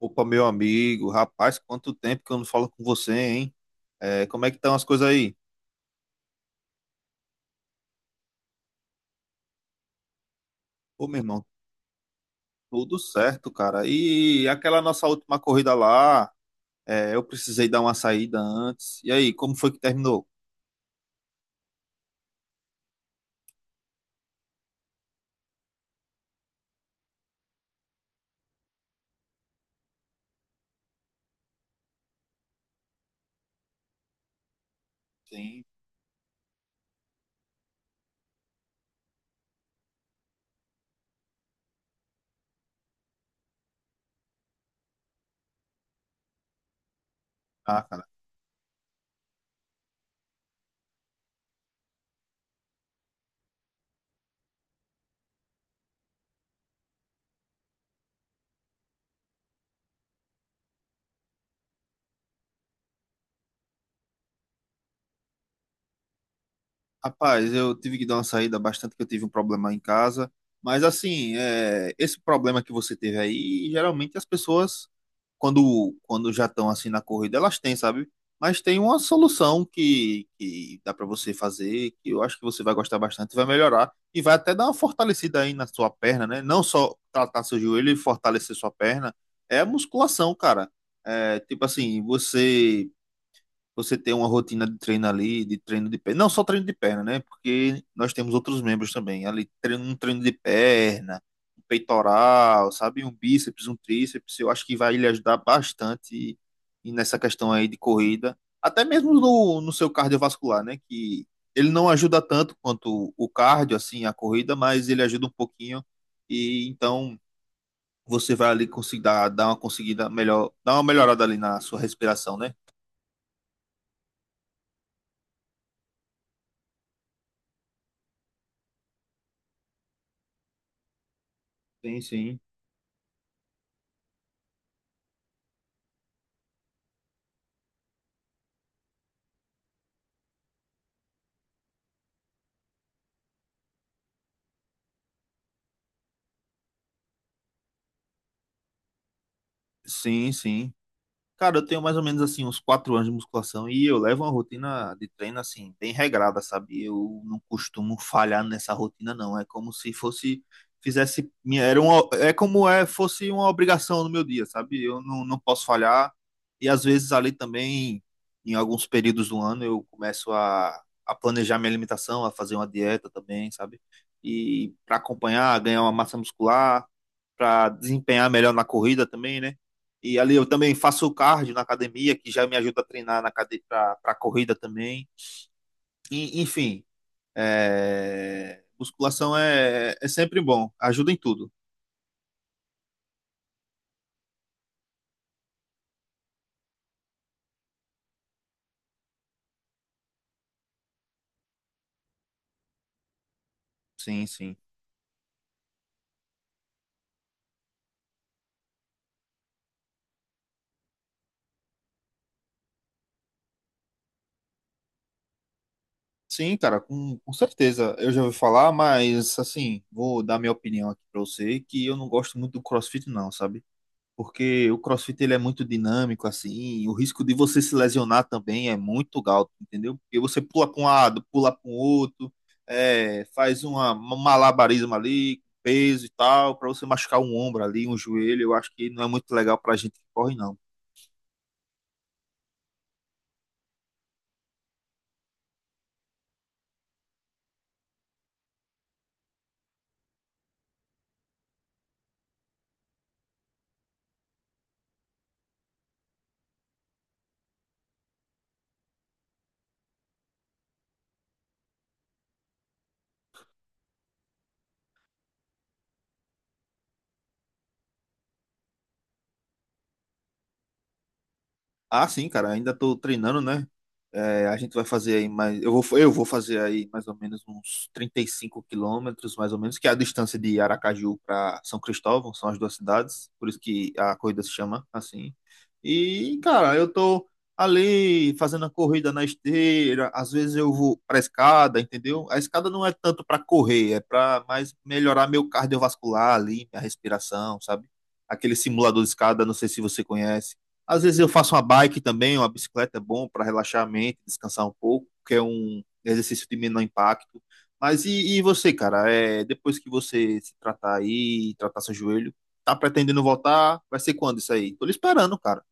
Opa, meu amigo, rapaz, quanto tempo que eu não falo com você, hein? É, como é que estão as coisas aí? Ô, meu irmão, tudo certo, cara. E aquela nossa última corrida lá, é, eu precisei dar uma saída antes. E aí, como foi que terminou? Sim. Rapaz, eu tive que dar uma saída bastante, que eu tive um problema em casa. Mas assim, é, esse problema que você teve aí, geralmente as pessoas, quando já estão assim na corrida, elas têm, sabe? Mas tem uma solução que dá para você fazer, que eu acho que você vai gostar bastante, vai melhorar e vai até dar uma fortalecida aí na sua perna, né? Não só tratar seu joelho e fortalecer sua perna, é a musculação, cara. É, tipo assim, você ter uma rotina de treino ali, de treino de perna. Não só treino de perna, né? Porque nós temos outros membros também. Ali, treino, um treino de perna, um peitoral, sabe? Um bíceps, um tríceps. Eu acho que vai lhe ajudar bastante e nessa questão aí de corrida. Até mesmo no seu cardiovascular, né? Que ele não ajuda tanto quanto o cardio, assim, a corrida, mas ele ajuda um pouquinho. E então você vai ali conseguir dar uma conseguida melhor, dar uma melhorada ali na sua respiração, né? Sim, sim. Sim, sim. Cara, eu tenho mais ou menos assim uns 4 anos de musculação e eu levo uma rotina de treino assim bem regrada, sabe? Eu não costumo falhar nessa rotina, não. É como se fosse fizesse minha era uma, é como é fosse uma obrigação no meu dia, sabe? Eu não, não posso falhar e às vezes ali também em alguns períodos do ano eu começo a planejar minha alimentação, a fazer uma dieta também, sabe? E para acompanhar, ganhar uma massa muscular, para desempenhar melhor na corrida também, né? E ali eu também faço o cardio na academia, que já me ajuda a treinar para corrida também. E, enfim, é, musculação é, é sempre bom, ajuda em tudo. Sim, sim. Sim, cara, com certeza. Eu já ouvi falar, mas assim, vou dar minha opinião aqui pra você, que eu não gosto muito do CrossFit, não, sabe? Porque o CrossFit ele é muito dinâmico assim, o risco de você se lesionar também é muito alto, entendeu? Porque você pula para um lado, pula para o outro, é, faz uma, um malabarismo ali, peso e tal, para você machucar um ombro ali, um joelho, eu acho que não é muito legal para gente que corre não. Ah, sim, cara, ainda tô treinando, né? É, a gente vai fazer aí mais. Eu vou fazer aí mais ou menos uns 35 quilômetros, mais ou menos, que é a distância de Aracaju para São Cristóvão, são as duas cidades, por isso que a corrida se chama assim. E, cara, eu tô ali fazendo a corrida na esteira, às vezes eu vou pra escada, entendeu? A escada não é tanto para correr, é para mais melhorar meu cardiovascular ali, minha respiração, sabe? Aquele simulador de escada, não sei se você conhece. Às vezes eu faço uma bike também, uma bicicleta é bom para relaxar a mente, descansar um pouco, que é um exercício de menor impacto. Mas e você, cara? É, depois que você se tratar aí, tratar seu joelho, tá pretendendo voltar? Vai ser quando isso aí? Tô lhe esperando, cara.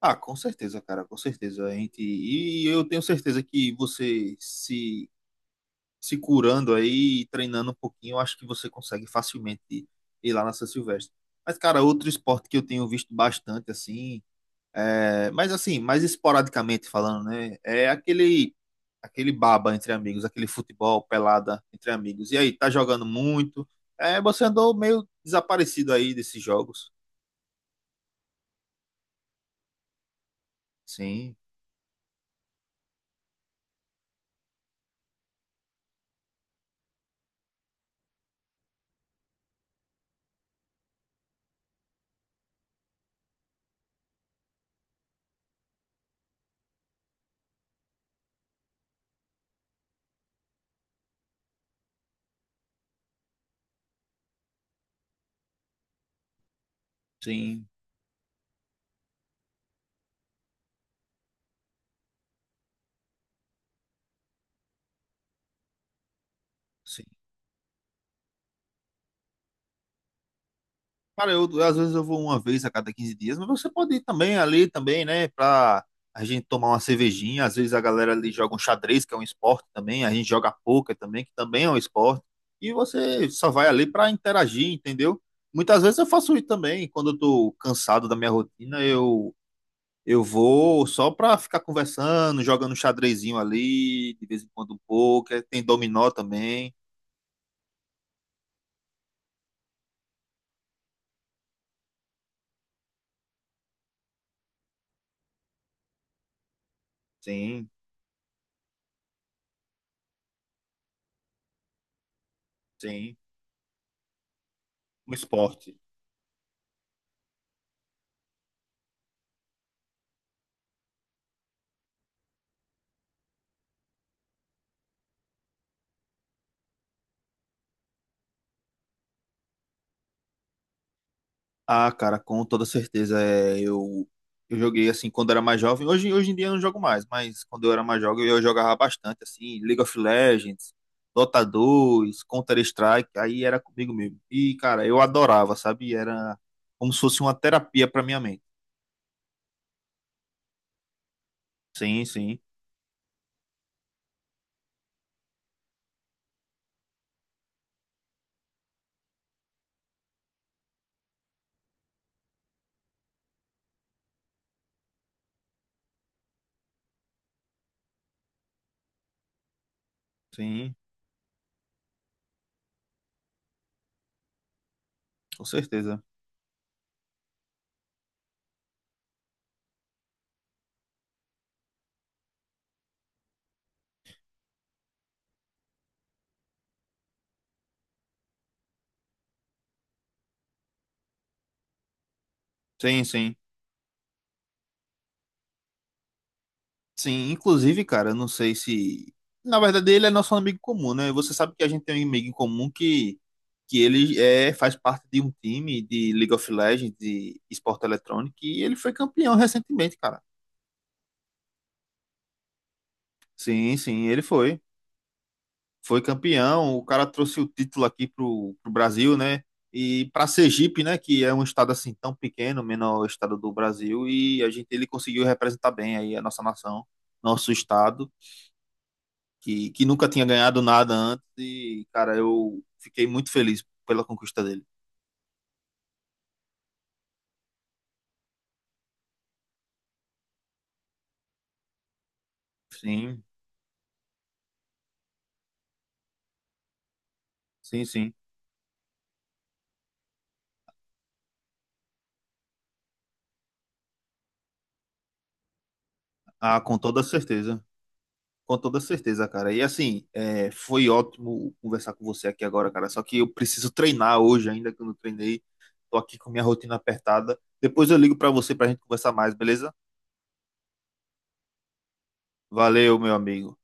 Ah, com certeza, cara, com certeza. A gente, e eu tenho certeza que você se curando aí, e treinando um pouquinho, eu acho que você consegue facilmente ir lá na São Silvestre. Mas, cara, outro esporte que eu tenho visto bastante, assim, é, mas assim, mais esporadicamente falando, né? É aquele aquele baba entre amigos, aquele futebol pelada entre amigos. E aí, tá jogando muito? É, você andou meio desaparecido aí desses jogos. Sim, sim, sim. Cara, às vezes eu vou uma vez a cada 15 dias, mas você pode ir também ali também, né? Pra a gente tomar uma cervejinha. Às vezes a galera ali joga um xadrez, que é um esporte também. A gente joga pôquer também, que também é um esporte. E você só vai ali pra interagir, entendeu? Muitas vezes eu faço isso também. Quando eu tô cansado da minha rotina, eu vou só pra ficar conversando, jogando um xadrezinho ali, de vez em quando um pôquer. Tem dominó também. Sim, sim. Um esporte. Ah, cara, com toda certeza. É, eu joguei assim quando era mais jovem. Hoje, hoje em dia eu não jogo mais, mas quando eu era mais jovem eu jogava bastante, assim, League of Legends, Dota 2, Counter-Strike, aí era comigo mesmo. E, cara, eu adorava, sabe? Era como se fosse uma terapia pra minha mente. Sim, sim, sim, com certeza. Sim, sim. Sim, inclusive, cara, eu não sei se. Na verdade, ele é nosso amigo comum, né? Você sabe que a gente tem um amigo em comum que ele é, faz parte de um time de League of Legends, de esporte eletrônico, e ele foi campeão recentemente, cara. Sim, sim, ele foi. Foi campeão. O cara trouxe o título aqui pro Brasil, né? E pra Sergipe, né? Que é um estado assim tão pequeno, menor estado do Brasil, e a gente ele conseguiu representar bem aí a nossa nação, nosso estado. Que nunca tinha ganhado nada antes e, cara, eu fiquei muito feliz pela conquista dele. Sim, sim, sim. Ah, com toda certeza. Com toda certeza, cara. E assim, é, foi ótimo conversar com você aqui agora, cara. Só que eu preciso treinar hoje ainda, que eu não treinei. Tô aqui com minha rotina apertada. Depois eu ligo pra você pra gente conversar mais, beleza? Valeu, meu amigo.